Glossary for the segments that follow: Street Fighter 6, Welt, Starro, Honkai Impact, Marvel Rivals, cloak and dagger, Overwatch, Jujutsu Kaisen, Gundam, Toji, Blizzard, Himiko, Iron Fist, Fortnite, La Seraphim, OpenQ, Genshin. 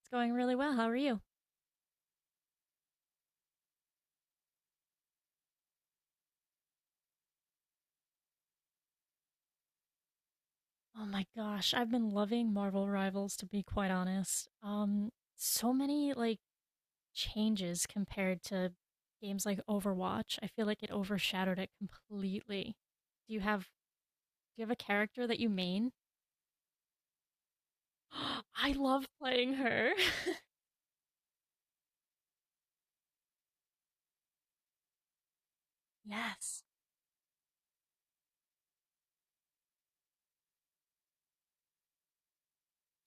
It's going really well. How are you? Oh my gosh, I've been loving Marvel Rivals to be quite honest. So many changes compared to games like Overwatch. I feel like it overshadowed it completely. Do you have a character that you main? I love playing her. Yes.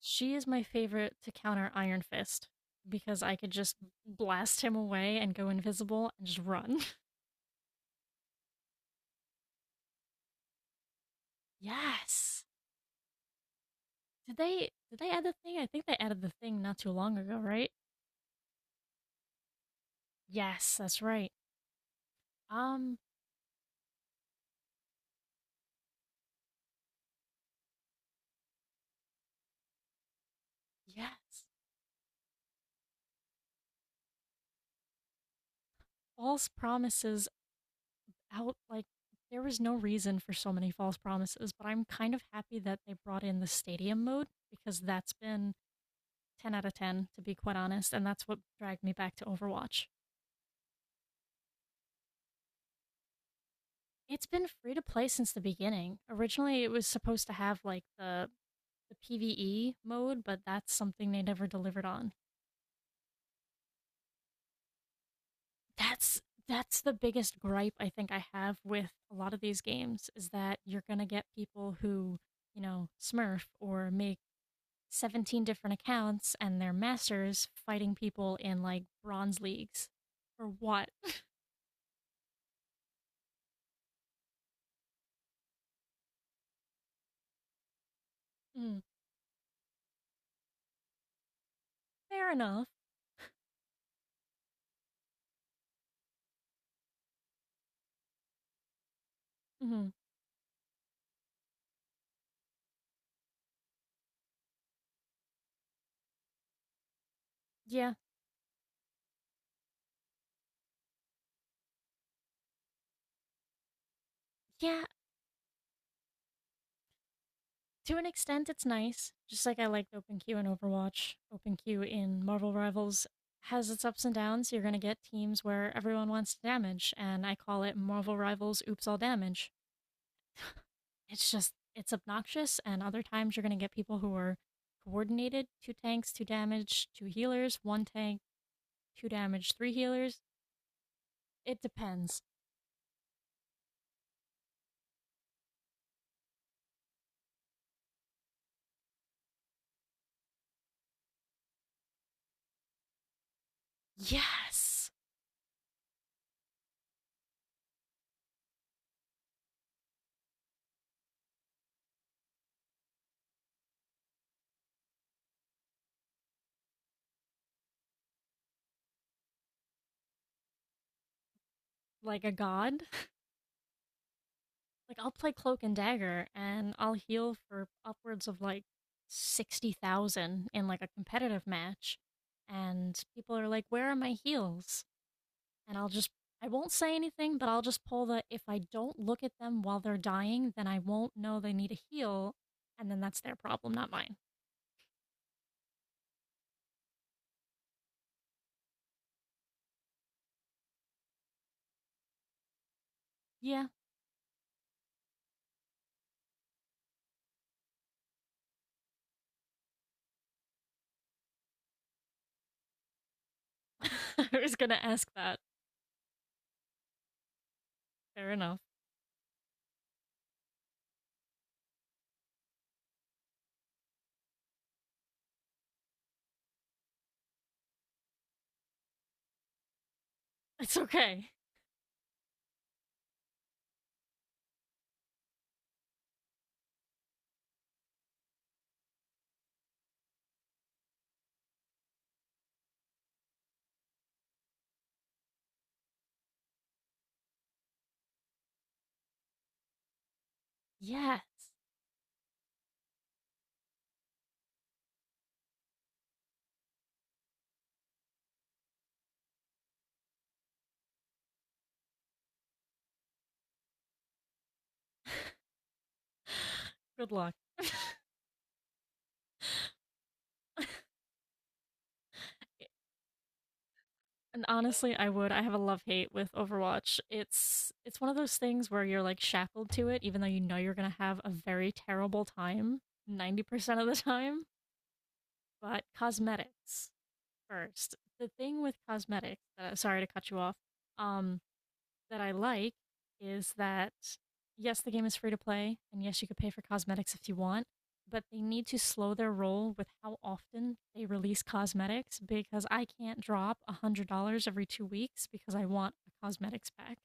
She is my favorite to counter Iron Fist because I could just blast him away and go invisible and just run. Yes. Did they add the thing? I think they added the thing not too long ago, right? Yes, that's right. Um, yes. False promises out there was no reason for so many false promises, but I'm kind of happy that they brought in the stadium mode because that's been 10 out of 10 to be quite honest, and that's what dragged me back to Overwatch. It's been free to play since the beginning. Originally, it was supposed to have like the PvE mode, but that's something they never delivered on. That's that's the biggest gripe I think I have with a lot of these games is that you're going to get people who, smurf or make 17 different accounts and they're masters fighting people in like bronze leagues. For what? Mm, fair enough. hmm Yeah. Yeah. To an extent, it's nice. Just like I liked OpenQ in Overwatch, OpenQ in Marvel Rivals has its ups and downs. You're going to get teams where everyone wants to damage, and I call it Marvel Rivals Oops All Damage. It's just it's obnoxious, and other times you're gonna get people who are coordinated, two tanks, two damage, two healers, one tank, two damage, three healers. It depends. Yes! Like a god. Like I'll play cloak and dagger and I'll heal for upwards of like 60,000 in like a competitive match. And people are like, "Where are my heals?" And I won't say anything, but I'll just pull the if I don't look at them while they're dying, then I won't know they need a heal, and then that's their problem, not mine. Yeah. I was gonna ask that. Fair enough. It's okay. Yeah. Good luck. And honestly, I would. I have a love hate with Overwatch. It's one of those things where you're like shackled to it, even though you know you're gonna have a very terrible time 90% of the time. But cosmetics first. The thing with cosmetics, sorry to cut you off, um, that I like is that yes, the game is free to play, and yes, you could pay for cosmetics if you want, but they need to slow their roll with how often they release cosmetics because I can't drop $100 every two weeks because I want a cosmetics pack.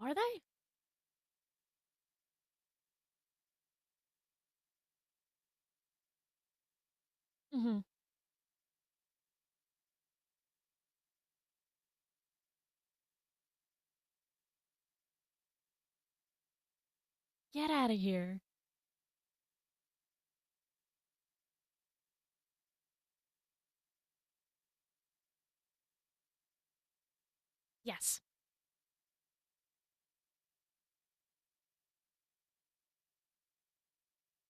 Are they? Mm-hmm. Get out of here. Yes.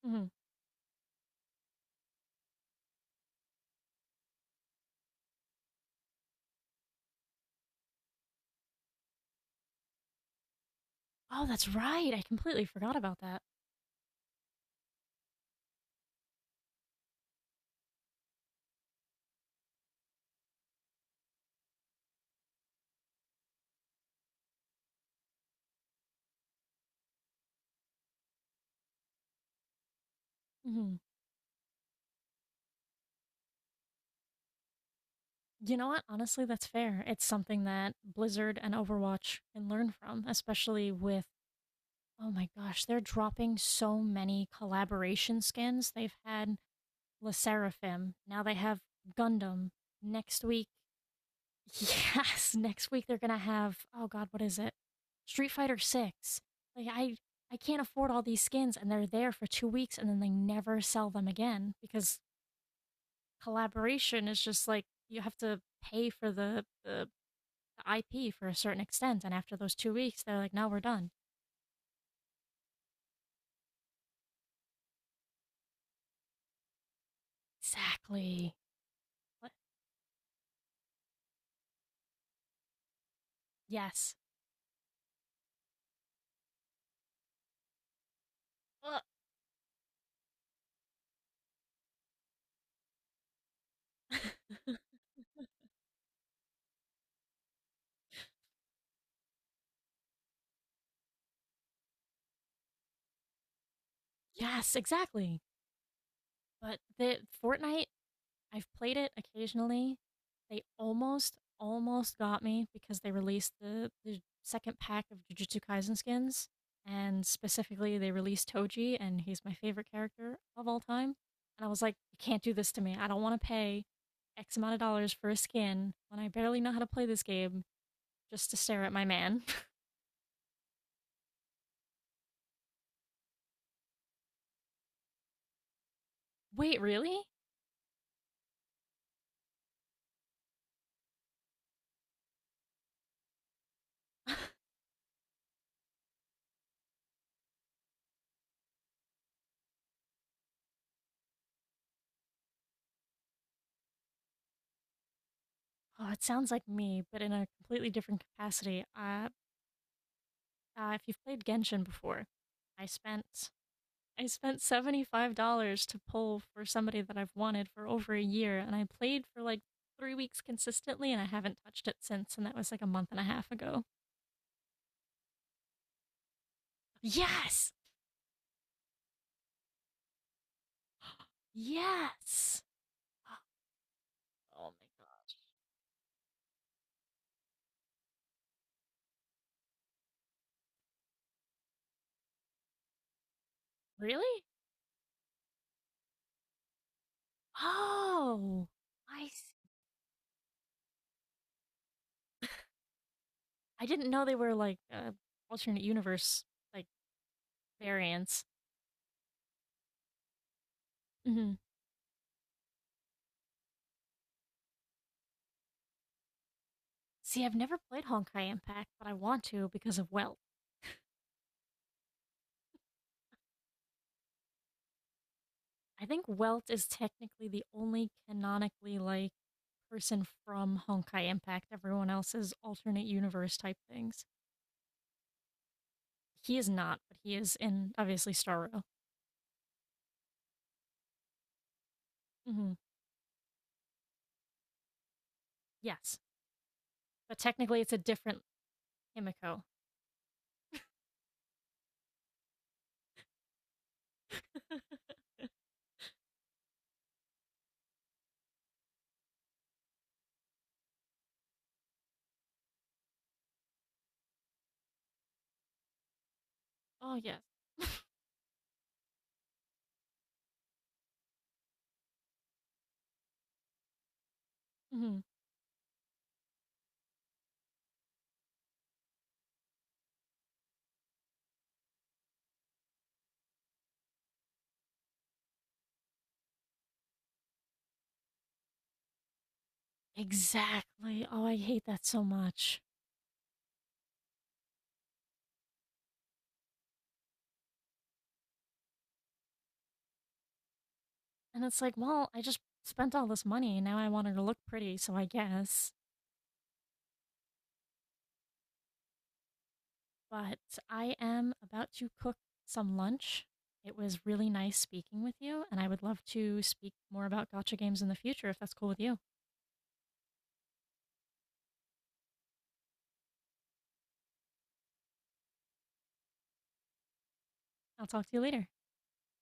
Mm-hmm. Oh, that's right. I completely forgot about that. Mm-hmm. You know what? Honestly, that's fair. It's something that Blizzard and Overwatch can learn from, especially with, oh my gosh, they're dropping so many collaboration skins. They've had La Seraphim, now they have Gundam. Next week, yes, next week they're gonna have, oh god, what is it? Street Fighter 6. Like I can't afford all these skins and they're there for 2 weeks and then they never sell them again because collaboration is just like you have to pay for the IP for a certain extent, and after those two weeks, they're like, "No, we're done." Exactly. What? Yes. Yes, exactly. But the Fortnite, I've played it occasionally. They almost got me because they released the second pack of Jujutsu Kaisen skins, and specifically, they released Toji, and he's my favorite character of all time. And I was like, "You can't do this to me. I don't want to pay." X amount of dollars for a skin when I barely know how to play this game just to stare at my man. Wait, really? Oh, it sounds like me, but in a completely different capacity. If you've played Genshin before, I spent I spent $75 to pull for somebody that I've wanted for over a year, and I played for like three weeks consistently, and I haven't touched it since, and that was like a month and a half ago. Yes, yes. Oh my god, really? Oh, I I s- I didn't know they were like alternate universe like variants. Mhm. See, I've never played Honkai Impact, but I want to because of Welt. I think Welt is technically the only canonically like person from Honkai Impact. Everyone else is alternate universe type things. He is not, but he is in obviously Starro. Hmm. Yes, but technically it's a different Himiko. Oh yes. Hmm. Exactly. Oh, I hate that so much. And it's like, well, I just spent all this money and now I want her to look pretty, so I guess. But I am about to cook some lunch. It was really nice speaking with you, and I would love to speak more about Gacha games in the future if that's cool with you. I'll talk to you later.